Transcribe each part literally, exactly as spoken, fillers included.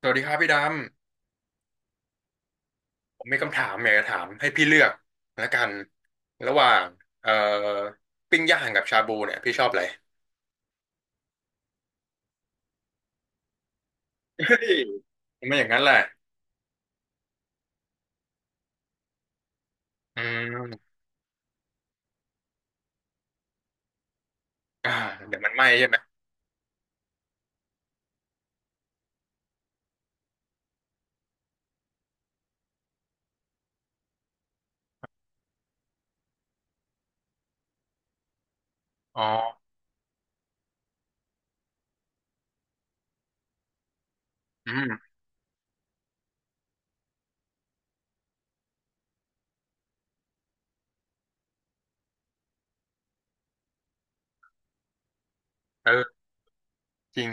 สวัสดีครับพี่ดำ ผมมีคำถามอยากจะถามให้พี่เลือกละกันระหว่างเอ่อปิ้งย่างกับชาบูเนี่ยพี่ชอบอะไรเฮ้ยทำ ไม่อย่างนั้นแหละอืมอ่าเดี๋ยวมันไหม้ใช่ไหมอ๋ออืมเออจริง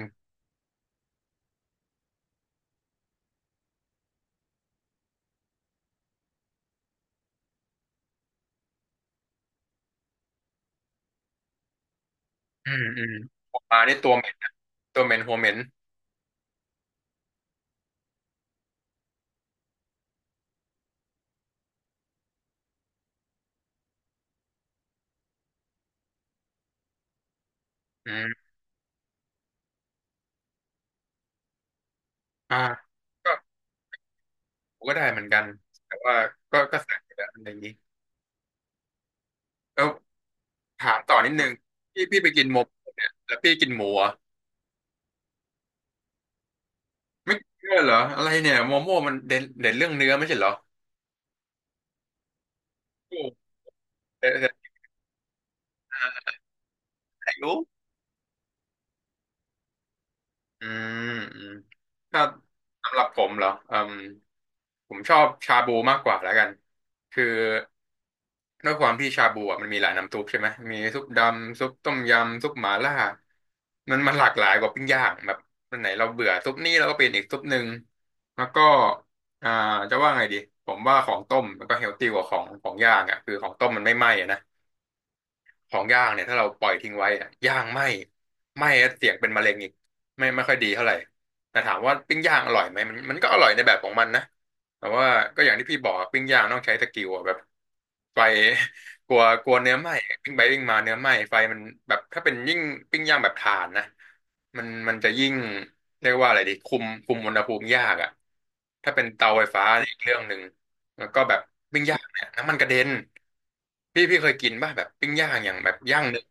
อืมอืมหัวปลานี่ตัวเหม็นนะตัวเหม็นหัวเหม็นอืมอ่าก็ผมก็ได้เหมือนกันแต่ว่าก็ก็สั่งอยู่แล้วอะไรอย่างนี้แล้วถามต่อนิดนึงพี่พี่ไปกินหมูเนี่ยแล้วพี่กินหมูเหรอ ไม่เชื่อเหรออะไรเนี่ยโมโม่มันเด่นเด่นเรื่องเนื้อไม่ใช่เหรอโอ้เด่นเด่นอายุอืมอืมถ้าสำหรับผมเหรออืมผมชอบชาบูมากกว่าแล้วกันคือด้วยความที่ชาบูอ่ะมันมีหลายน้ำซุปใช่ไหมมีซุปดำซุปต้มยำซุปหม่าล่ามันมันหลากหลายกว่าปิ้งย่างแบบวันไหนเราเบื่อซุปนี้เราก็เปลี่ยนอีกซุปหนึ่งแล้วก็อ่าจะว่าไงดีผมว่าของต้มมันก็เฮลตี้กว่าของของย่างอ่ะคือของต้มมันไม่ไหม้อะนะ ของย่างเนี่ยถ้าเราปล่อยทิ้งไว้อะย่างไหม้ไหม้แล้วเสี่ยงเป็นมะเร็งอีกไม่ไม่ค่อยดีเท่าไหร่แต่ถามว่าปิ้งย่างอร่อยไหมมันมันก็อร่อยในแบบของมันนะแต่ว่าก็อย่างที่พี่บอกอะปิ้งย่างต้องใช้สกิลอะแบบไฟ กลัวกลัวเนื้อไหม้ปิ้งไปปิ้งมาเนื้อไหม้ไฟมันแบบถ้าเป็นยิ่งปิ้งย่างแบบถ่านนะมันมันจะยิ่งเรียกว่าอะไรดีคุมคุมอุณหภูมิยากอะถ้าเป็นเตาไฟฟ้านี่อีกเรื่องหนึ่งแล้วก็แบบปิ้งย่าง น้ำมันกระเด็นพี่พี่เคยกินป่ะแบบปิ้งย่างอย่างแบบย่างหนึ่ง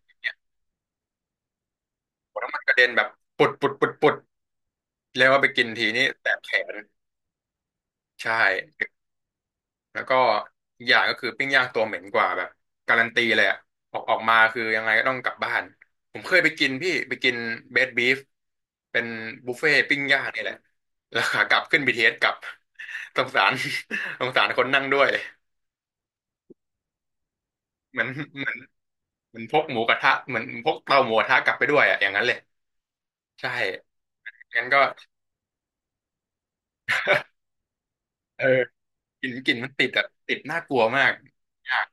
โอ้น้ำมันกระเด็นแบบปุดปุดปุดปุดแล้วเอาไปกินทีนี่แสบแขนใช่แล้วก็อีกอย่างก็คือปิ้งย่างตัวเหม็นกว่าแบบการันตีเลยอะออกออกมาคือยังไงก็ต้องกลับบ้านผมเคยไปกินพี่ไปกินเบสบีฟเป็นบุฟเฟ่ต์ปิ้งย่างนี่แหละแล้วขากลับขึ้นเทเอสกลับสงสาร สงสารคนนั่งด้วยเหมือนเหมือนเหมือนพกหมูกระทะเหมือนพกเตาหมูกระทะกลับไปด้วยอะอย่างนั้นเลยใช่ งั้นก็เออกลิ่นกลิ่นมันติดอะติดน่ากลัวมากยาก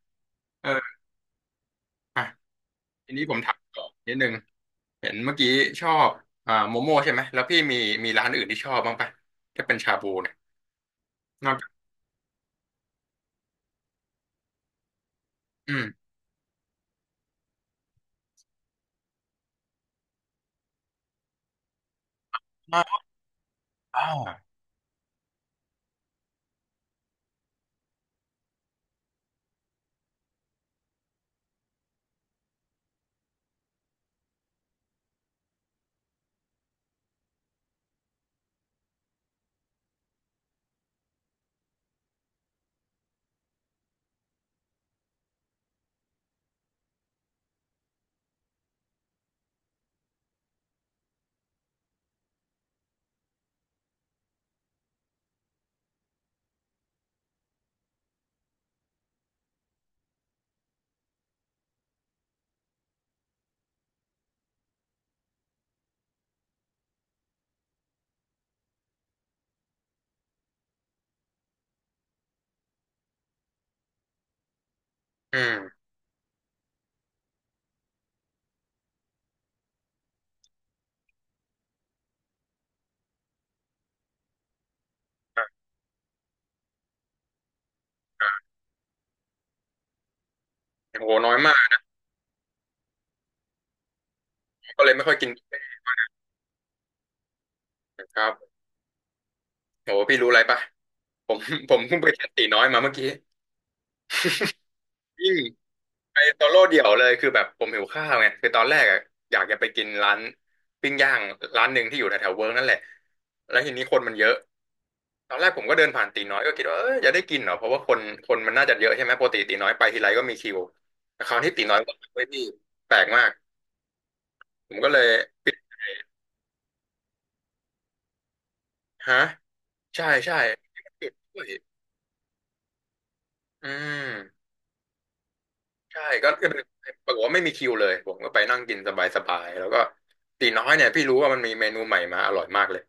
เอออ่ะทีนี้ผมถามต่อนิดนึงเห็นเมื่อกี้ชอบอ่าโมโม่ใช่ไหมแล้วพี่มีมีร้านอื่นที่ชอบบ้างปะถ้าเป็นชาบูเนี่ยนอกจากอืมอ่าอาอืมอ่ะโหน้อยมากก็เลยไม่ค่อยกินครับโหพี่รู้อะไรปะผมผมเพิ่งไปแคสตีน้อยมาเมื่อกี้ยิ่ง ไปโซโล่เดี่ยวเลยคือแบบผมหิวข้าวไงคือตอนแรกอะอยากจะไปกินร้านปิ้งย่างร้านหนึ่งที่อยู่แถวๆเวิร์กนั่นแหละแล้วทีนี้คนมันเยอะตอนแรกผมก็เดินผ่านตีน้อยก็คิดว่าเออจะได้กินเหรอเพราะว่าคนคนมันน่าจะเยอะใช่ไหมปกติตีน้อยไปทีไรก็มีคิวแต่คราวที่ตีน้อยก็ไม่มีแปลกมากผมก็เลยปิดฮะใช่ใช่ปิดด้วยอืมใช่ก็ก็เดินปรากฏว่าไม่มีคิวเลยผมก็ไปนั่งกินสบายๆแล้วก็ตีน้อยเนี่ยพี่รู้ว่ามันมีเมนูใหม่มาอร่อยมากเลย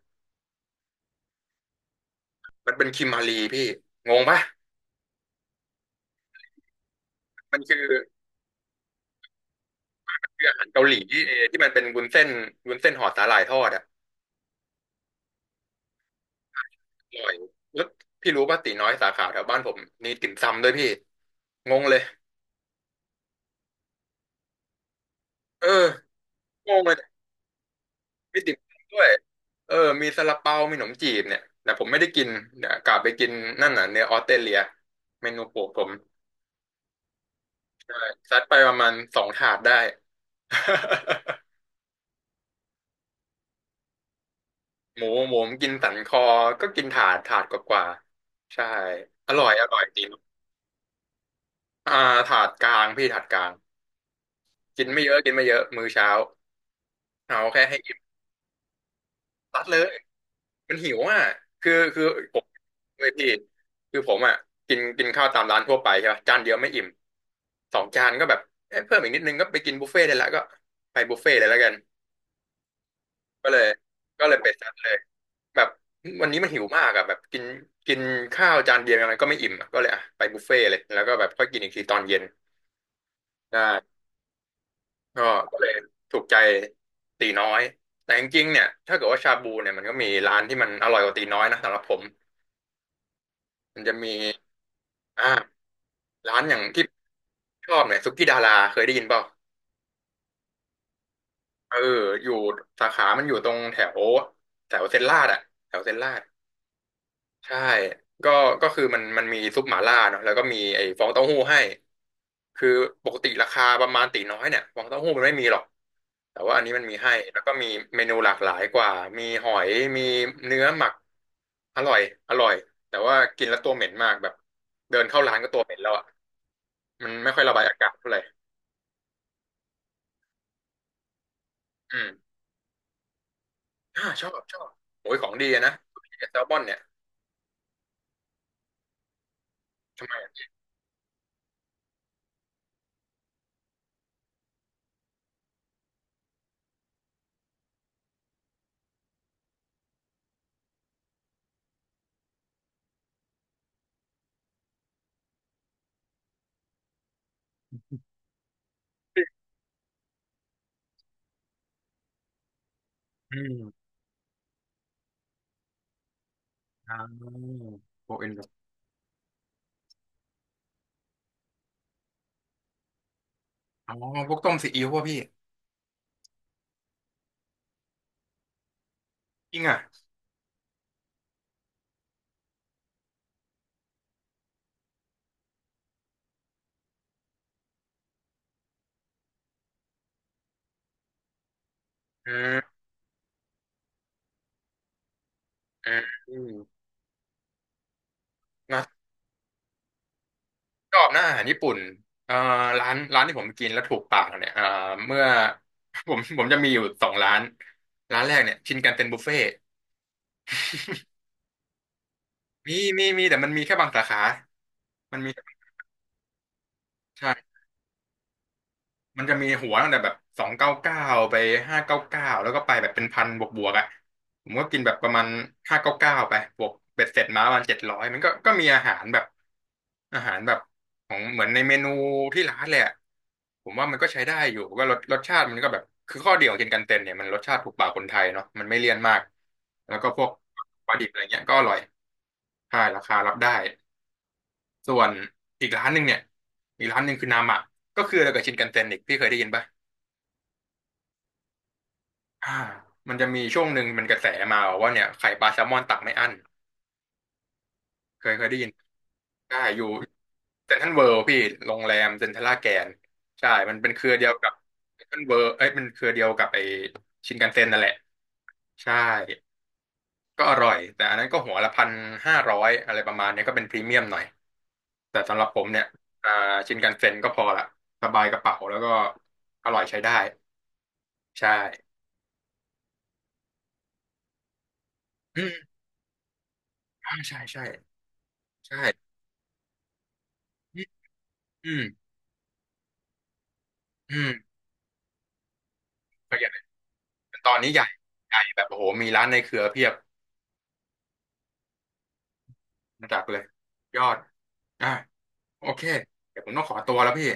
มันเป็นคิมมารีพี่งงปะมันคือคืออาหารเกาหลีที่เอที่มันเป็นวุ้นเส้นวุ้นเส้นห่อสาหร่ายทอดอะอร่อยแล้วพี่รู้ป่ะตีน้อยสาขาแถวบ้านผมมีติ่มซำด้วยพี่งงเลยเอองงเลยมีติ่มซำด้วยเออมีซาลาเปามีขนมจีบเนี่ยแต่ผมไม่ได้กินเดี๋ยวกลับไปกินนั่นน่ะเนื้อออสเตรเลียเมนูโปรดผมซัดไปประมาณสองถาดได้ หมูหมูผมกินสันคอก็กินถาดถาดกว่าๆใช่อร่อยอร่อยดี อ่าถาดกลางพี่ถาดกลางกินไม่เยอะกินไม่เยอะมื้อเช้าเอาแค่ให้อิ่มตัดเลยมันหิวอ่ะคือคือผมเลยพี่คือผมอ่ะกินกินข้าวตามร้านทั่วไปใช่ป่ะจานเดียวไม่อิ่มสองจานก็แบบเอ๊ะเพิ่มอีกนิดนึงก็ไปกินบุฟเฟ่ต์ได้ละก็ไปบุฟเฟ่ต์เลยแล้วกันก็เลยก็เลยไปซัดเลยแบบวันนี้มันหิวมากอ่ะแบบกินกินข้าวจานเดียวยังไงก็ไม่อิ่มอะก็เลยอ่ะไปบุฟเฟ่ต์เลยแล้วก็แบบค่อยกินอีกทีตอนเย็นได้ ก็ก็เลยถูกใจตีน้อยแต่จริงๆเนี่ยถ้าเกิดว่าชาบูเนี่ยมันก็มีร้านที่มันอร่อยกว่าตีน้อยนะสำหรับผมมันจะมีอ่าร้านอย่างที่ชอบเนี่ยสุกี้ดาราเคยได้ยินเปล่าเอออยู่สาขามันอยู่ตรงแถวแถวเซนลาดอะแถวเซ็นลาด ใช่ก็ก็คือมันมันมีซุปหม่าล่าเนาะแล้วก็มีไอ้ฟองเต้าหู้ให้คือปกติราคาประมาณตีน้อยเนี่ยฟองเต้าหู้มันไม่มีหรอกแต่ว่าอันนี้มันมีให้แล้วก็มีเมนูหลากหลายกว่ามีหอยมีเนื้อหมักอร่อยอร่อยแต่ว่ากินแล้วตัวเหม็นมากแบบเดินเข้าร้านก็ตัวเหม็นแล้วอ่ะมันไม่ค่อยระบายอากาศเท่าไหร่อืมอ่าชอบชอบโอ้ยของดีอะนะแซลมอนเนี่ยทำไมอะอืมอ่าโบเอ็นแบบอ๋อพวกต้มซีอิ๊วป่ะพี่จริงอ่ะ อืมอืมอืมนะชอบนะอาหารญี่ปุ่นเอ่อร้านร้านที่ผมกินแล้วถูกปากเนี่ยเอ่อเมื่อ ผมผมจะมีอยู่สองร้านร้านแรกเนี่ยชินกันเซ็นบุฟเฟ่มีมีมีแต่มันมีแค่บางสาขามันมีใช่ มันจะมีหัวตั้งแต่แบบสองเก้าเก้าไปห้าเก้าเก้าแล้วก็ไปแบบเป็นพันบวกบวกอ่ะผมก็กินแบบประมาณห้าเก้าเก้าไปบวกเบ็ดเสร็จมาประมาณเจ็ดร้อยมันก็ก็มีอาหารแบบอาหารแบบของเหมือนในเมนูที่ร้านแหลยอะผมว่ามันก็ใช้ได้อยู่ก็รสรสชาติมันก็แบบคือข้อดีของกินกันเต็นเนี่ยมันรสชาติถูกปากคนไทยเนาะมันไม่เลี่ยนมากแล้วก็พวกปลาดิบอะไรเงี้ยก็อร่อยใช่ราคารับได้ส่วนอีกร้านหนึ่งเนี่ยอีกร้านหนึ่งคือนามะก็คืออะไรกับชินกันเต็นอีกพี่เคยได้ยินปะ อ่ามันจะมีช่วงหนึ่งมันกระแสมาว่าเนี่ยไข่ปลาแซลมอนตักไม่อั้นเคยเคยได้ยินใช่อยู่เซ็นทรัลเวิลด์พี่โรงแรมเซ็นทรัลลาดแกนใช่มันเป็นเครือเดียวกับเซ็นทรัลเวิลด์เอ้ยมันเครือเดียวกับไอชินคันเซ็นนั่นแหละใช่ก็อร่อยแต่อันนั้นก็หัวละพันห้าร้อยอะไรประมาณเนี้ยก็เป็นพรีเมียมหน่อยแต่สำหรับผมเนี่ยอ่าชินคันเซ็นก็พอละสบายกระเป๋าแล้วก็อร่อยใช้ได้ใช่อืมอ่าใช่ใช่ใช่อืมอืมอืม ตอนนี้ใหญ่ใหญ่แบบโอ้โหมีร้านในเครือเพียบระดับเลยยอดอ่ะโอเคเดี๋ยวผมต้องขอตัวแล้วพี่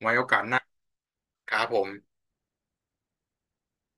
ไว้โอกาสหน้าครับผม